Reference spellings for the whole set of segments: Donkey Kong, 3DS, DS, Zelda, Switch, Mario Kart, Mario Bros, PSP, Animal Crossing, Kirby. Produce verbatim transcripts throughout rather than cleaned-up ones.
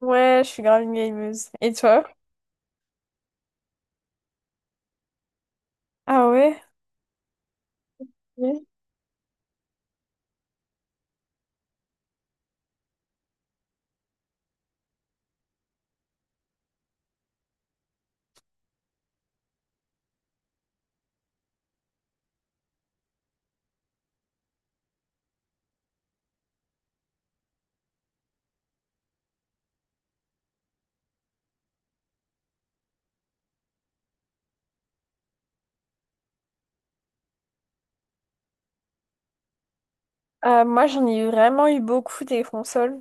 Ouais, je suis grave une gameuse. Et toi? Ah ouais? Oui. Euh, moi, j'en ai vraiment eu beaucoup des consoles.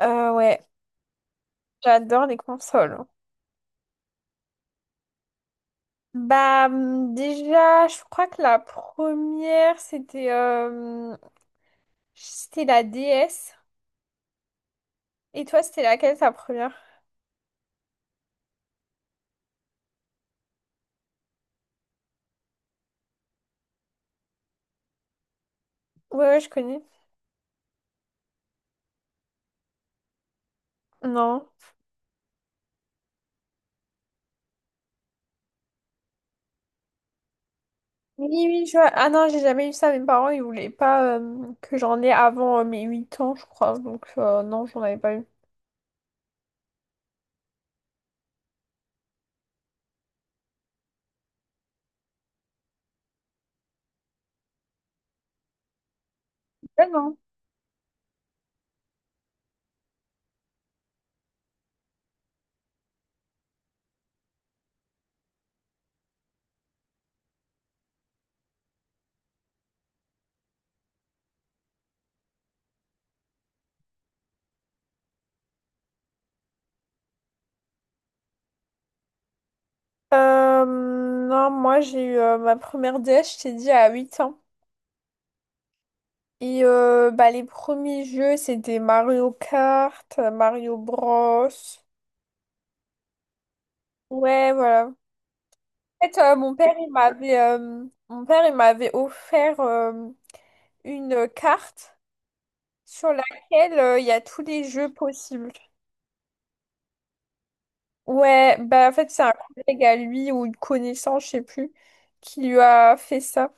Euh, ouais, j'adore les consoles. Bah, hum, déjà, je crois que la première, c'était euh, c'était la D S. Et toi, c'était laquelle, ta première? Ouais, ouais, je connais. Non. Oui, oui, je vois. Ah non, j'ai jamais eu ça. Mes parents, ils voulaient pas euh, que j'en ai avant euh, mes huit ans, je crois. Donc, euh, non, j'en avais pas eu. Ah non. Euh, non, moi j'ai eu euh, ma première D S, je t'ai dit, à huit ans. Et euh, bah, les premiers jeux, c'était Mario Kart, euh, Mario Bros. Ouais, voilà. En fait, euh, mon père, il m'avait euh, mon père, il m'avait offert euh, une carte sur laquelle euh, il y a tous les jeux possibles. Ouais, bah en fait, c'est un collègue à lui ou une connaissance, je sais plus, qui lui a fait ça.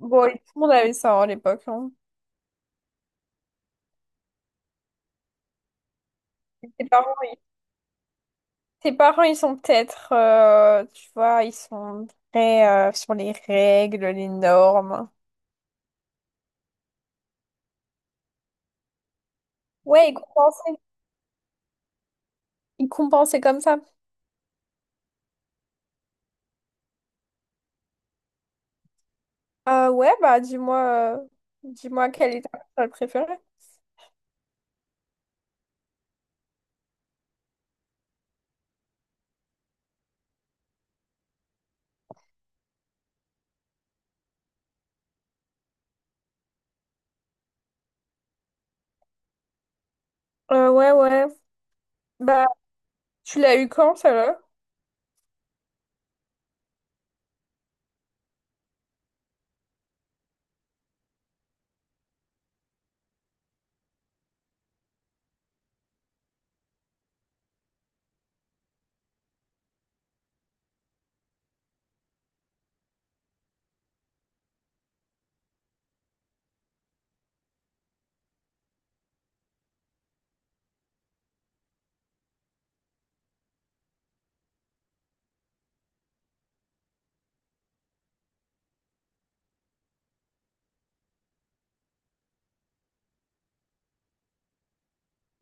Bon, et tout le monde avait ça, hein, à l'époque. Hein. Ses parents Tes parents, ils sont peut-être, euh, tu vois, ils sont très euh, sur les règles, les normes. Ouais, ils compensaient, ils compensaient comme ça. Euh, ouais, bah dis-moi, euh, dis-moi quelle est ta personne préférée. Euh, ouais, ouais. Bah, tu l'as eu quand, ça là?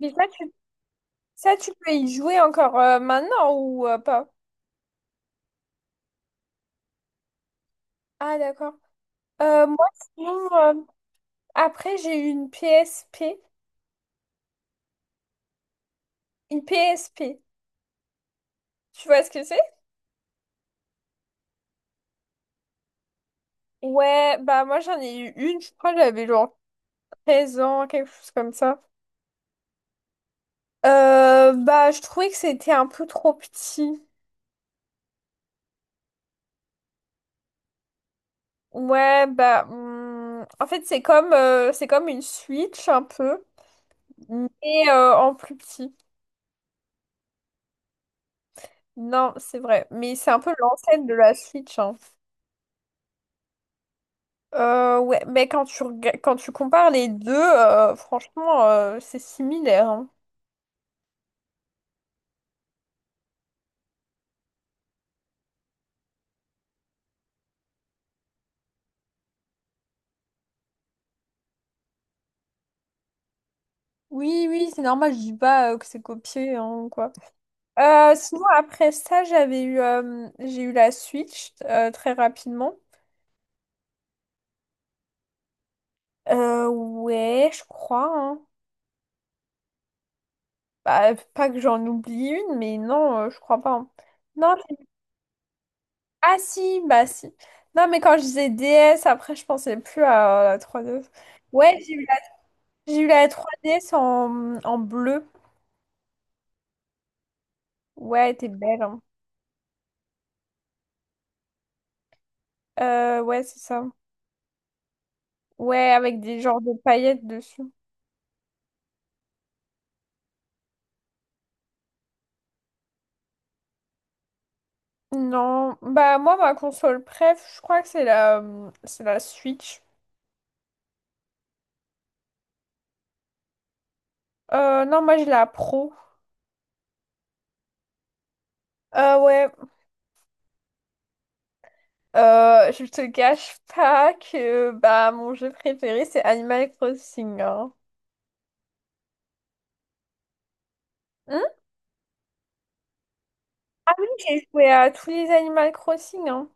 Mais ça, tu, Ça, tu peux y jouer encore euh, maintenant ou euh, pas? Ah, d'accord. Euh, moi, sinon, euh, après, j'ai eu une P S P. Une P S P. Tu vois ce que c'est? Ouais, bah moi, j'en ai eu une, je crois, j'avais genre 13 ans, quelque chose comme ça. Euh, bah, je trouvais que c'était un peu trop petit. Ouais, bah, hmm, en fait, c'est comme, euh, c'est comme une Switch un peu, mais euh, en plus petit. Non, c'est vrai, mais c'est un peu l'ancêtre de la Switch, hein. Euh, ouais, mais quand tu, rega- quand tu compares les deux, euh, franchement, euh, c'est similaire, hein. Oui, oui, c'est normal, je dis pas euh, que c'est copié, hein, ou quoi. Euh, sinon, après ça, j'avais eu, euh, j'ai eu la Switch euh, très rapidement. Euh, ouais, je crois, hein. Bah, pas que j'en oublie une, mais non, euh, je crois pas, hein. Non, c'est- ah si, bah si. Non, mais quand je disais D S, après, je pensais plus à la trois D S. Ouais, j'ai eu la, j'ai eu la trois D S en, en bleu. Ouais, elle était belle, hein. Euh, ouais, c'est ça. Ouais, avec des genres de paillettes dessus. Non, bah moi, ma console préf, je crois que c'est la, hum, c'est la Switch. Euh, non, moi, j'ai la Pro. Euh, ouais. Euh, je te cache pas que bah mon jeu préféré c'est Animal Crossing, hein. Hmm. J'ai joué à tous les Animal Crossing, hein.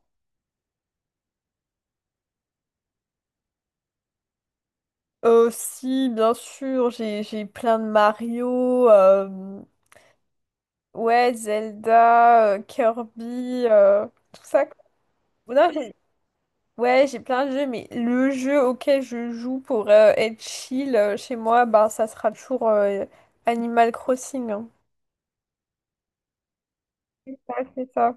Euh, si, bien sûr, j'ai j'ai plein de Mario, euh, ouais, Zelda, euh, Kirby, euh, tout ça. Non, j'ai- Ouais, j'ai plein de jeux, mais le jeu auquel je joue pour euh, être chill euh, chez moi, bah ça sera toujours euh, Animal Crossing, hein. C'est ça, c'est ça.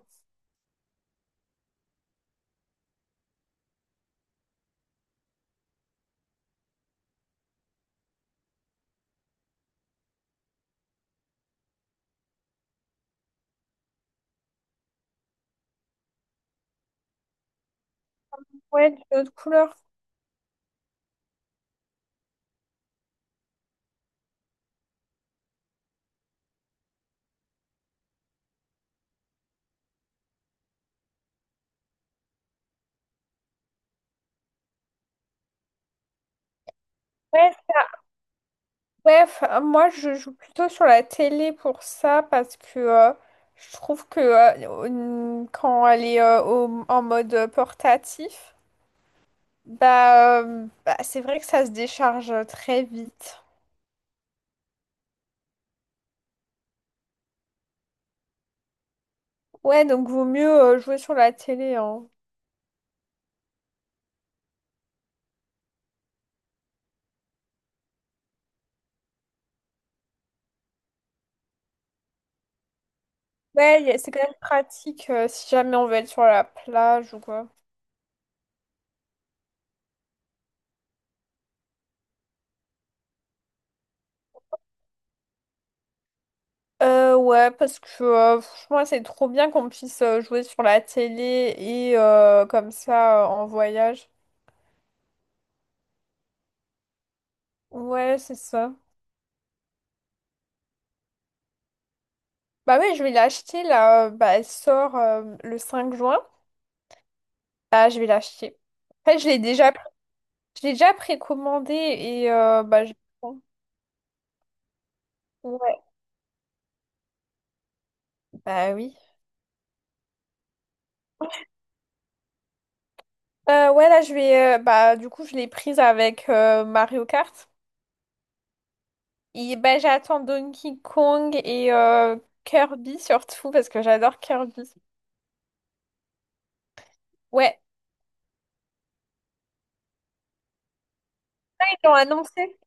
Ouais, de notre couleur. Ouais, enfin, moi je joue plutôt sur la télé pour ça parce que euh, je trouve que euh, une- quand elle est euh, au- en mode portatif, bah, euh, bah, c'est vrai que ça se décharge très vite. Ouais, donc vaut mieux euh, jouer sur la télé, hein. Ouais, y a- c'est quand même pratique euh, si jamais on veut être sur la plage ou quoi. Euh, ouais, parce que euh, franchement, c'est trop bien qu'on puisse euh, jouer sur la télé et euh, comme ça euh, en voyage. Ouais, c'est ça. Bah ouais, je vais l'acheter là. euh, Bah, elle sort euh, le cinq juin. Bah, je vais l'acheter. En fait, je l'ai déjà, je l'ai déjà précommandé et euh, bah, je... Ouais. Bah oui. Euh, ouais, là, je vais. euh, bah, du coup, je l'ai prise avec euh, Mario Kart. Et bah, j'attends Donkey Kong et euh, Kirby surtout parce que j'adore Kirby. Ouais. Là, ils l'ont annoncé.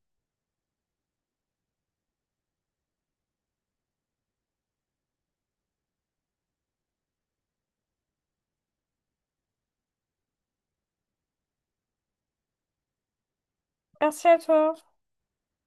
Merci à toi.